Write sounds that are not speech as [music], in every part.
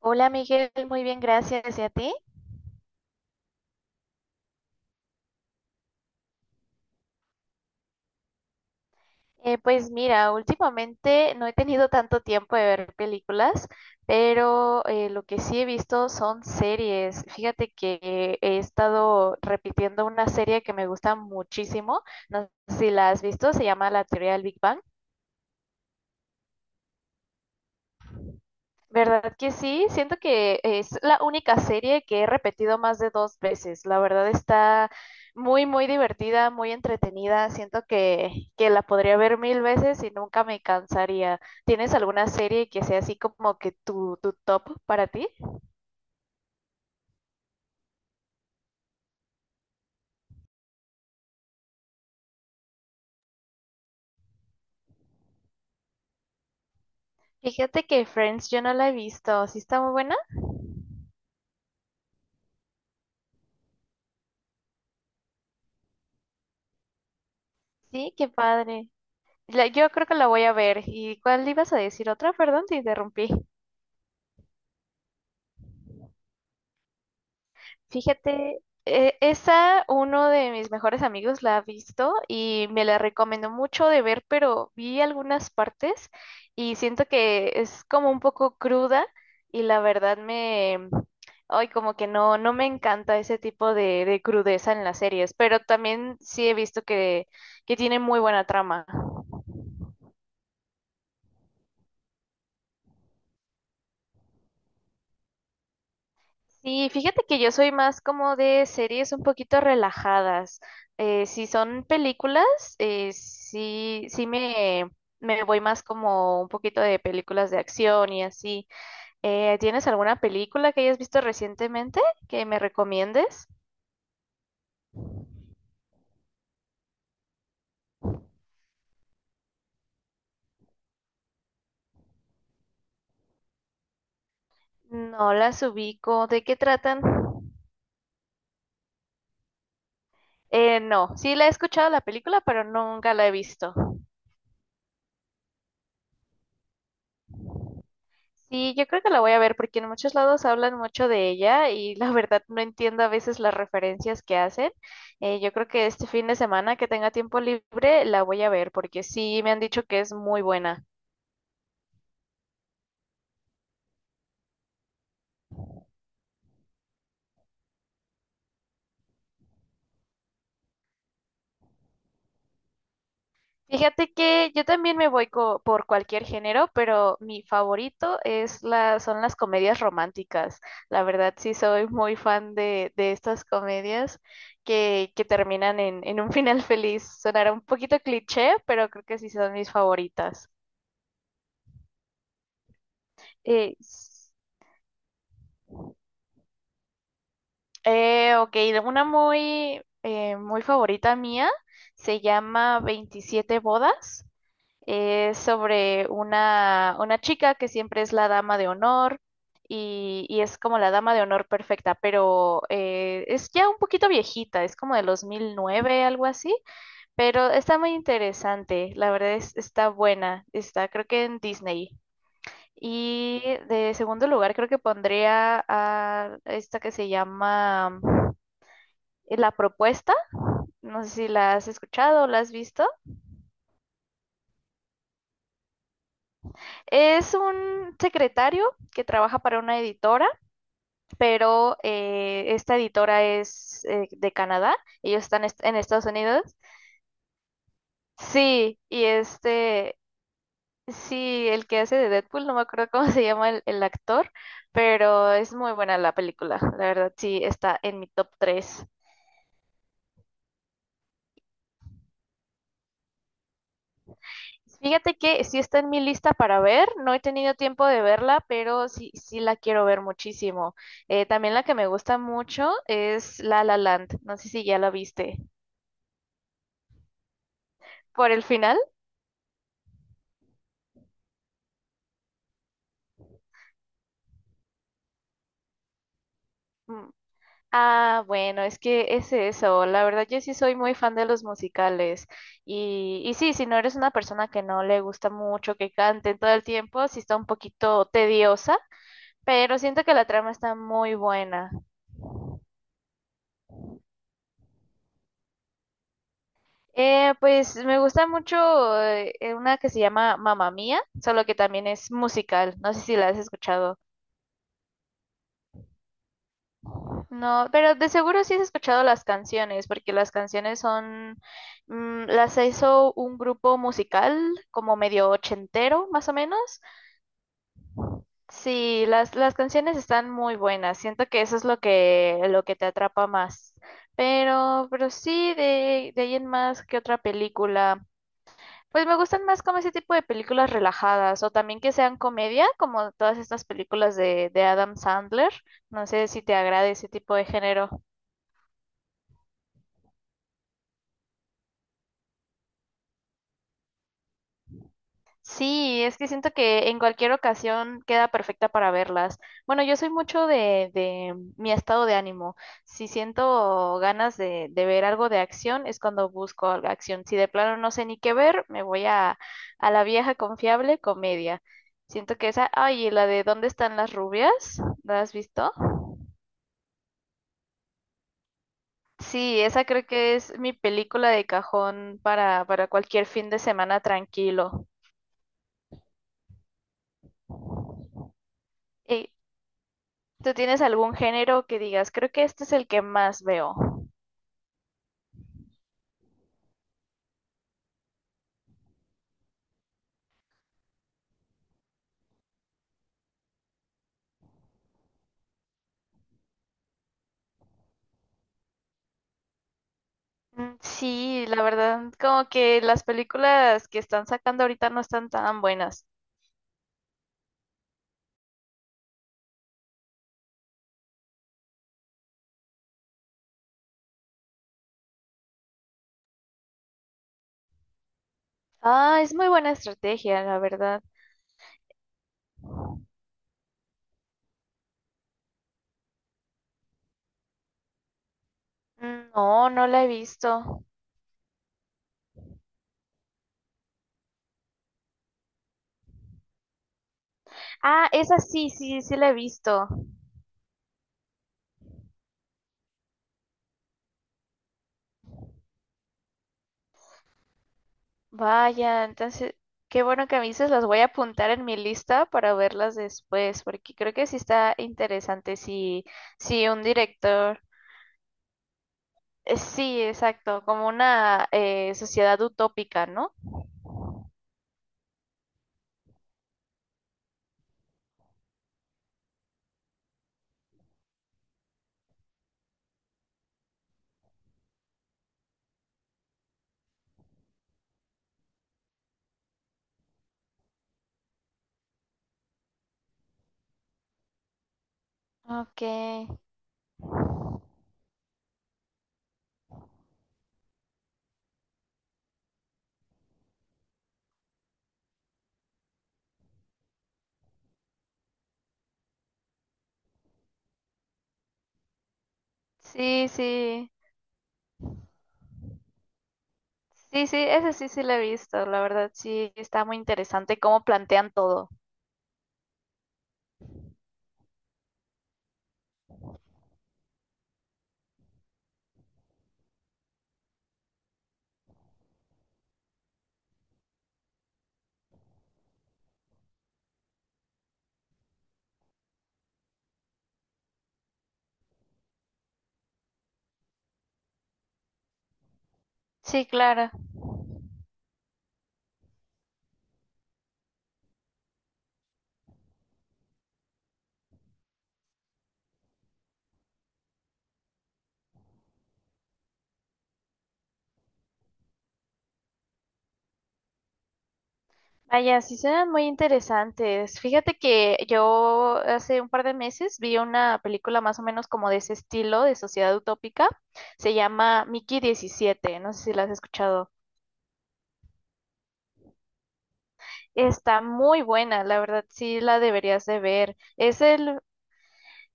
Hola Miguel, muy bien, gracias. ¿Y a ti? Pues mira, últimamente no he tenido tanto tiempo de ver películas, pero lo que sí he visto son series. Fíjate que he estado repitiendo una serie que me gusta muchísimo, no sé si la has visto, se llama La Teoría del Big Bang. ¿Verdad que sí? Siento que es la única serie que he repetido más de dos veces. La verdad está muy, muy divertida, muy entretenida. Siento que la podría ver mil veces y nunca me cansaría. ¿Tienes alguna serie que sea así como que tu top para ti? Fíjate que Friends yo no la he visto. ¿Sí está muy buena? Sí, qué padre. Yo creo que la voy a ver. ¿Y cuál ibas a decir otra? Perdón, te interrumpí. Fíjate, esa uno de mis mejores amigos la ha visto y me la recomendó mucho de ver, pero vi algunas partes y siento que es como un poco cruda y la ay, como que no, no me encanta ese tipo de crudeza en las series, pero también sí he visto que tiene muy buena trama. Sí, fíjate que yo soy más como de series un poquito relajadas. Si son películas, sí, me voy más como un poquito de películas de acción y así. ¿Tienes alguna película que hayas visto recientemente que me recomiendes? No las ubico. ¿De qué tratan? No, sí la he escuchado la película, pero nunca la he visto. Sí, yo creo que la voy a ver porque en muchos lados hablan mucho de ella y la [laughs] verdad no entiendo a veces las referencias que hacen. Yo creo que este fin de semana que tenga tiempo libre la voy a ver porque sí me han dicho que es muy buena. Fíjate que yo también me voy por cualquier género, pero mi favorito es la, son las comedias románticas. La verdad sí soy muy fan de estas comedias que terminan en un final feliz. Sonará un poquito cliché, pero creo que sí son mis favoritas. Eh, s- eh, ok, una muy favorita mía se llama 27 bodas. Es sobre una chica que siempre es la dama de honor y, es como la dama de honor perfecta, pero es ya un poquito viejita, es como de los 2009, algo así, pero está muy interesante, la verdad es, está buena, está creo que en Disney. Y de segundo lugar creo que pondría a esta que se llama La Propuesta. No sé si la has escuchado o la has visto. Es un secretario que trabaja para una editora, pero esta editora es de Canadá. Ellos están en Estados Unidos. Sí, y este, sí, el que hace de Deadpool, no me acuerdo cómo se llama el actor, pero es muy buena la película. La verdad, sí, está en mi top tres. Fíjate que sí está en mi lista para ver, no he tenido tiempo de verla, pero sí, sí la quiero ver muchísimo. También la que me gusta mucho es La La Land, no sé si ya la viste. ¿Por el final? Mm. Ah, bueno, es que es eso, la verdad yo sí soy muy fan de los musicales y sí, si no eres una persona que no le gusta mucho que canten todo el tiempo, sí está un poquito tediosa, pero siento que la trama está muy buena. Pues me gusta mucho una que se llama Mamma Mía, solo que también es musical. No sé si la has escuchado. No, pero de seguro sí has escuchado las canciones, porque las canciones son, las hizo un grupo musical como medio ochentero, más o menos. Sí, las canciones están muy buenas. Siento que eso es lo lo que te atrapa más. Pero sí, de ahí en más, ¿qué otra película? Pues me gustan más como ese tipo de películas relajadas o también que sean comedia, como todas estas películas de Adam Sandler. No sé si te agrada ese tipo de género. Sí, es que siento que en cualquier ocasión queda perfecta para verlas. Bueno, yo soy mucho de mi estado de ánimo. Si siento ganas de ver algo de acción, es cuando busco algo de acción. Si de plano no sé ni qué ver, me voy a la vieja confiable comedia. Siento que esa, ay, y la de ¿Dónde están las rubias? ¿La has visto? Sí, esa creo que es mi película de cajón para cualquier fin de semana tranquilo. Eh, ¿Tú tienes algún género que digas, creo que este es el que más veo? Mm, sí, la verdad, como que las películas que están sacando ahorita no están tan buenas. Ah, es muy buena estrategia, la verdad. Mm, no, no la he visto. Ah, esa sí, sí, sí la he visto. Vaya, entonces, qué bueno que me dices, las voy a apuntar en mi lista para verlas después, porque creo que sí está interesante si, si un director. Sí exacto, como una sociedad utópica, ¿no? Okay. Sí, sí. Sí, sí, ese sí sí lo he visto, la verdad, sí, está muy interesante cómo plantean todo. Sí, claro. Vaya, sí suenan muy interesantes. Fíjate que yo hace un par de meses vi una película más o menos como de ese estilo, de sociedad utópica. Se llama Mickey 17, no sé si la has escuchado. Está muy buena, la verdad sí la deberías de ver. Es el,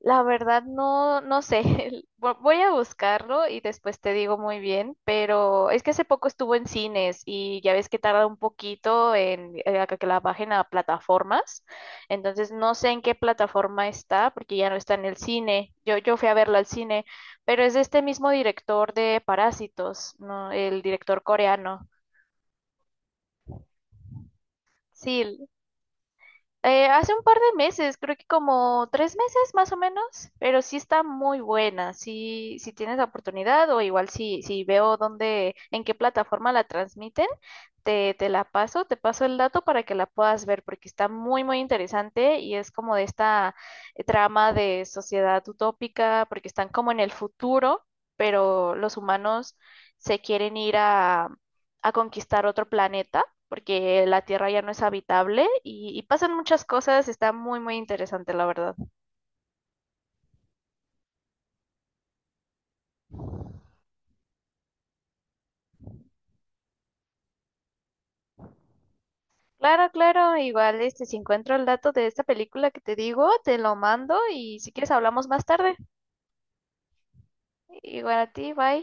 la verdad no, no sé, [laughs] voy a buscarlo y después te digo muy bien, pero es que hace poco estuvo en cines y ya ves que tarda un poquito en, a que la bajen a plataformas, entonces no sé en qué plataforma está porque ya no está en el cine. Yo fui a verlo al cine, pero es de este mismo director de Parásitos, ¿no? El director coreano. Sí, hace un par de meses, creo que como tres meses más o menos, pero sí está muy buena. Si si tienes la oportunidad o igual si, si veo dónde, en qué plataforma la transmiten, te la paso, te paso el dato para que la puedas ver, porque está muy, muy interesante y es como de esta trama de sociedad utópica, porque están como en el futuro, pero los humanos se quieren ir a conquistar otro planeta, porque la Tierra ya no es habitable y pasan muchas cosas, está muy, muy interesante, la verdad. Claro, claro, igual este, si encuentro el dato de esta película que te digo, te lo mando y si quieres hablamos más tarde. Igual a ti, bye.